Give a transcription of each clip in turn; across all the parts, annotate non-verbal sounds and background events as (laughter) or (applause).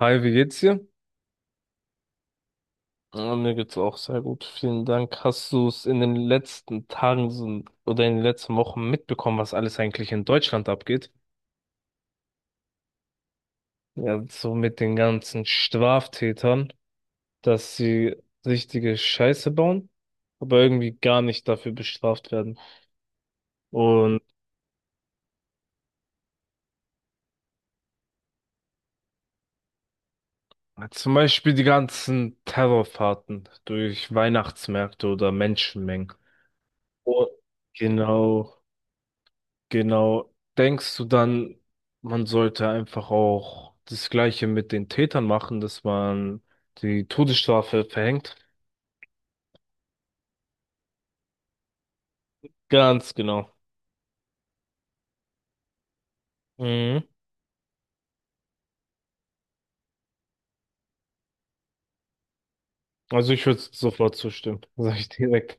Hi, wie geht's dir? Ja, mir geht's auch sehr gut. Vielen Dank. Hast du es in den letzten Tagen oder in den letzten Wochen mitbekommen, was alles eigentlich in Deutschland abgeht? Ja, so mit den ganzen Straftätern, dass sie richtige Scheiße bauen, aber irgendwie gar nicht dafür bestraft werden. Und zum Beispiel die ganzen Terrorfahrten durch Weihnachtsmärkte oder Menschenmengen. Oh, genau. Genau. Denkst du dann, man sollte einfach auch das Gleiche mit den Tätern machen, dass man die Todesstrafe verhängt? Ganz genau. Mhm. Also ich würde sofort zustimmen, (laughs) sage ich direkt.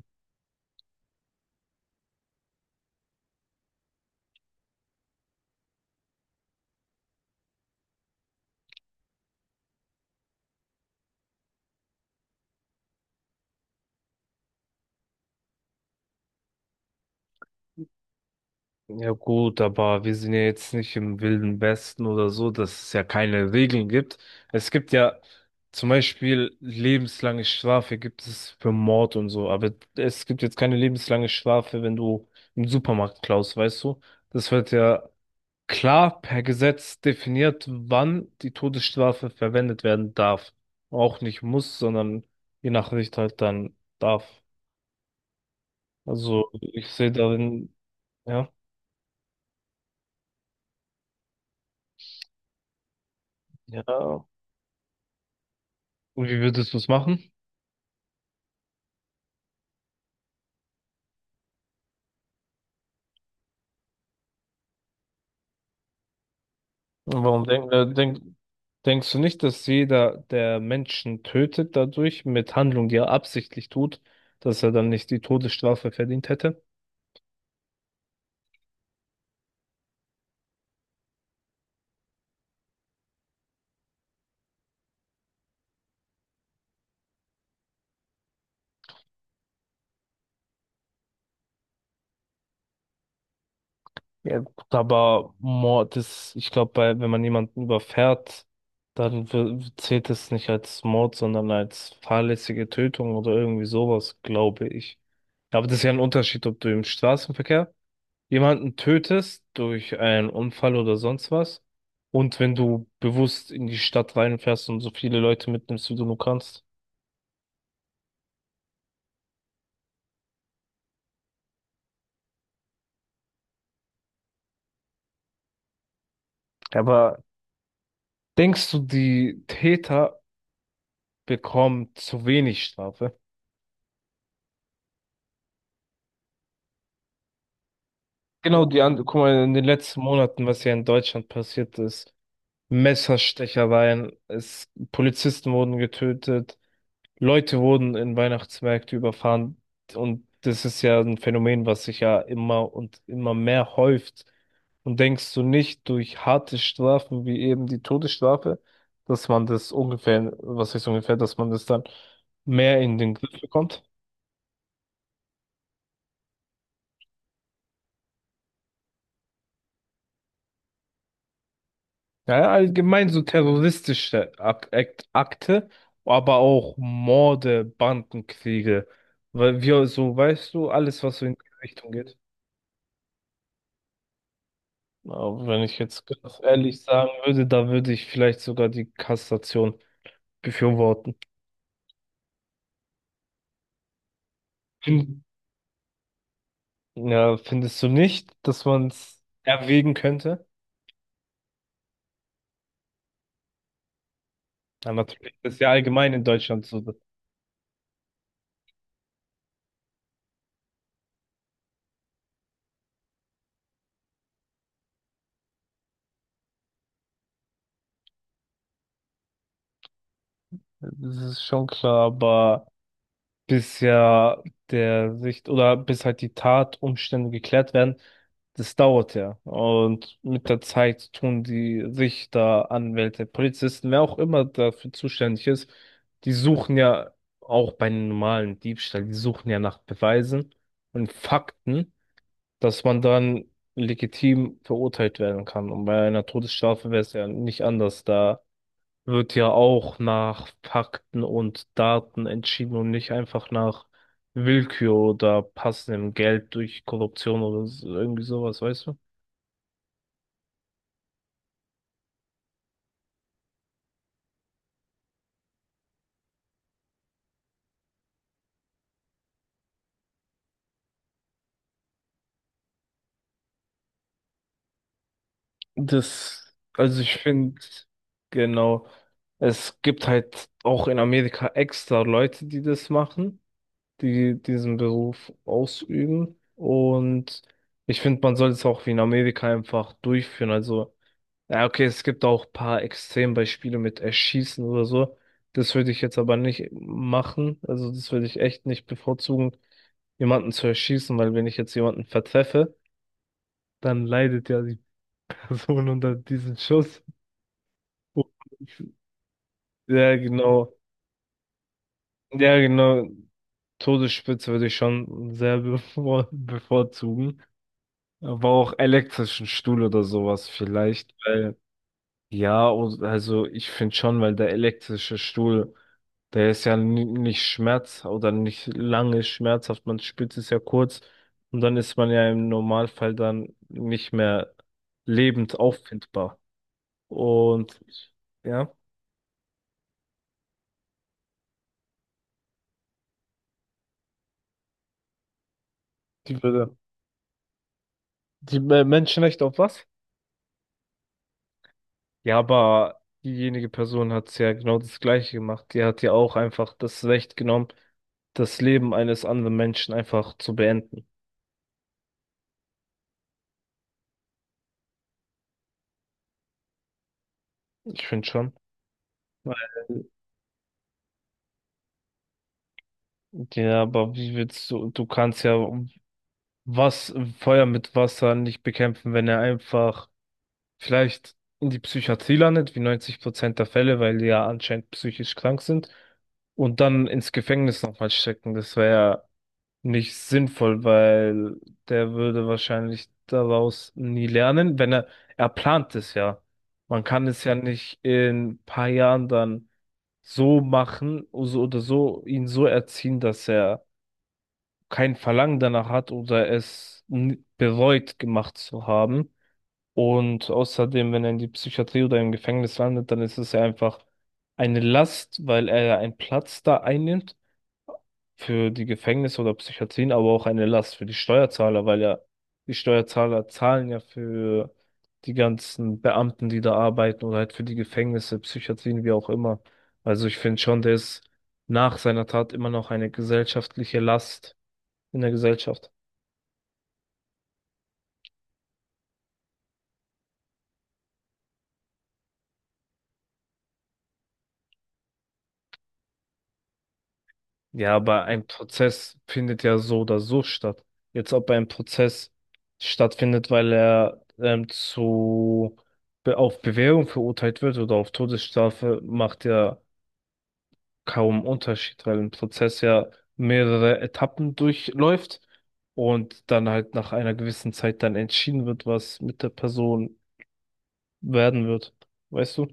Ja gut, aber wir sind ja jetzt nicht im Wilden Westen oder so, dass es ja keine Regeln gibt. Es gibt ja zum Beispiel lebenslange Strafe gibt es für Mord und so, aber es gibt jetzt keine lebenslange Strafe, wenn du im Supermarkt klaust, weißt du? Das wird ja klar per Gesetz definiert, wann die Todesstrafe verwendet werden darf. Auch nicht muss, sondern je nach Richter halt dann darf. Also ich sehe darin, ja, ja. Und wie würdest du es machen? Und denkst du nicht, dass jeder, der Menschen tötet, dadurch mit Handlung, die er absichtlich tut, dass er dann nicht die Todesstrafe verdient hätte? Ja, gut, aber Mord ist, ich glaube, bei, wenn man jemanden überfährt, dann zählt es nicht als Mord, sondern als fahrlässige Tötung oder irgendwie sowas, glaube ich. Ja, aber das ist ja ein Unterschied, ob du im Straßenverkehr jemanden tötest durch einen Unfall oder sonst was und wenn du bewusst in die Stadt reinfährst und so viele Leute mitnimmst, wie du nur kannst. Aber denkst du, die Täter bekommen zu wenig Strafe? Genau, die andere, guck mal, in den letzten Monaten, was hier in Deutschland passiert ist, Messerstechereien, es, Polizisten wurden getötet, Leute wurden in Weihnachtsmärkte überfahren und das ist ja ein Phänomen, was sich ja immer und immer mehr häuft. Und denkst du nicht durch harte Strafen wie eben die Todesstrafe, dass man das ungefähr, was heißt ungefähr, dass man das dann mehr in den Griff bekommt? Ja, ja, allgemein so terroristische Ak Akt Akte, aber auch Morde, Bandenkriege. Weil wir so, weißt du, alles, was so in die Richtung geht. Aber wenn ich jetzt ganz ehrlich sagen würde, da würde ich vielleicht sogar die Kassation befürworten. Fin- Ja, findest du nicht, dass man es erwägen könnte? Ja, natürlich, das ist ja allgemein in Deutschland so. Das ist schon klar, aber. Bis ja der Sicht oder bis halt die Tatumstände geklärt werden, das dauert ja. Und mit der Zeit tun die Richter, Anwälte, Polizisten, wer auch immer dafür zuständig ist, die suchen ja auch bei einem normalen Diebstahl, die suchen ja nach Beweisen und Fakten, dass man dann legitim verurteilt werden kann. Und bei einer Todesstrafe wäre es ja nicht anders. Da wird ja auch nach Fakten und Daten entschieden und nicht einfach nach Willkür oder passendem Geld durch Korruption oder irgendwie sowas, weißt du? Das, also ich finde, genau, es gibt halt auch in Amerika extra Leute, die das machen, die diesen Beruf ausüben und ich finde, man soll es auch wie in Amerika einfach durchführen, also ja, okay, es gibt auch ein paar Extrembeispiele mit Erschießen oder so. Das würde ich jetzt aber nicht machen. Also das würde ich echt nicht bevorzugen, jemanden zu erschießen, weil wenn ich jetzt jemanden vertreffe, dann leidet ja die Person (laughs) unter diesem Schuss. (laughs) Ja, genau. Ja, genau. Todesspitze würde ich schon sehr (laughs) bevorzugen. Aber auch elektrischen Stuhl oder sowas vielleicht. Weil ja, und also ich finde schon, weil der elektrische Stuhl, der ist ja nicht schmerz oder nicht lange schmerzhaft, man spürt es ja kurz und dann ist man ja im Normalfall dann nicht mehr lebend auffindbar. Und ja, die würde. Die Menschenrechte auf was? Ja, aber diejenige Person hat ja genau das Gleiche gemacht. Die hat ja auch einfach das Recht genommen, das Leben eines anderen Menschen einfach zu beenden. Ich finde schon. Weil ja, aber wie willst du, du kannst ja was, Feuer mit Wasser nicht bekämpfen, wenn er einfach vielleicht in die Psychiatrie landet, wie 90% der Fälle, weil die ja anscheinend psychisch krank sind, und dann ins Gefängnis nochmal stecken. Das wäre ja nicht sinnvoll, weil der würde wahrscheinlich daraus nie lernen, wenn er, er plant es ja. Man kann es ja nicht in ein paar Jahren dann so machen, so oder so, ihn so erziehen, dass er kein Verlangen danach hat oder es bereut gemacht zu haben. Und außerdem, wenn er in die Psychiatrie oder im Gefängnis landet, dann ist es ja einfach eine Last, weil er ja einen Platz da einnimmt für die Gefängnisse oder Psychiatrien, aber auch eine Last für die Steuerzahler, weil ja die Steuerzahler zahlen ja für die ganzen Beamten, die da arbeiten oder halt für die Gefängnisse, Psychiatrien, wie auch immer. Also ich finde schon, der ist nach seiner Tat immer noch eine gesellschaftliche Last in der Gesellschaft. Ja, aber ein Prozess findet ja so oder so statt. Jetzt, ob ein Prozess stattfindet, weil er zu auf Bewährung verurteilt wird oder auf Todesstrafe, macht ja kaum Unterschied, weil ein Prozess ja mehrere Etappen durchläuft und dann halt nach einer gewissen Zeit dann entschieden wird, was mit der Person werden wird. Weißt du?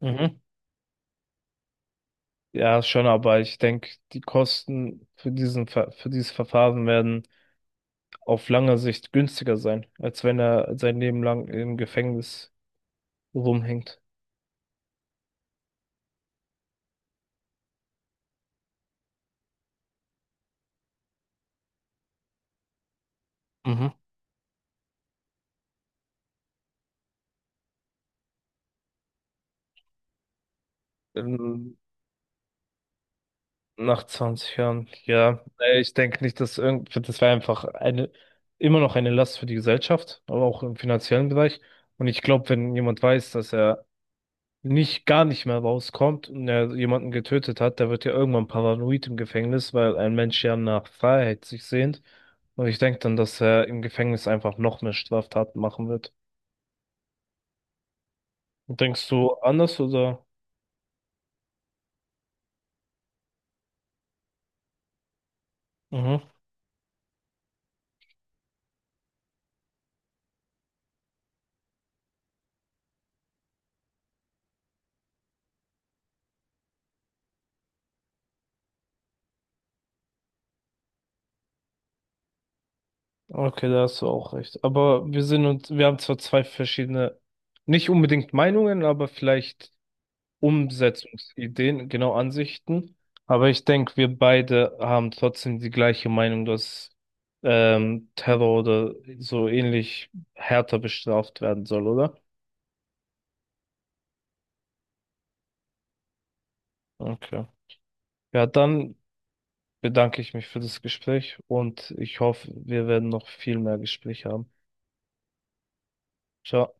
Mhm. Ja, schon, aber ich denke, die Kosten für diesen, für dieses Verfahren werden auf lange Sicht günstiger sein, als wenn er sein Leben lang im Gefängnis rumhängt. Mhm. Ähm, Nach 20 Jahren, ja. Ich denke nicht, dass irgend, das wäre einfach eine, immer noch eine Last für die Gesellschaft, aber auch im finanziellen Bereich. Und ich glaube, wenn jemand weiß, dass er nicht, gar nicht mehr rauskommt und er jemanden getötet hat, der wird ja irgendwann paranoid im Gefängnis, weil ein Mensch ja nach Freiheit sich sehnt. Und ich denke dann, dass er im Gefängnis einfach noch mehr Straftaten machen wird. Denkst du anders oder? Mhm. Okay, da hast du auch recht. Aber wir sind uns, wir haben zwar zwei verschiedene, nicht unbedingt Meinungen, aber vielleicht Umsetzungsideen, genau Ansichten. Aber ich denke, wir beide haben trotzdem die gleiche Meinung, dass Terror oder so ähnlich härter bestraft werden soll, oder? Okay. Ja, dann bedanke ich mich für das Gespräch und ich hoffe, wir werden noch viel mehr Gespräche haben. Ciao.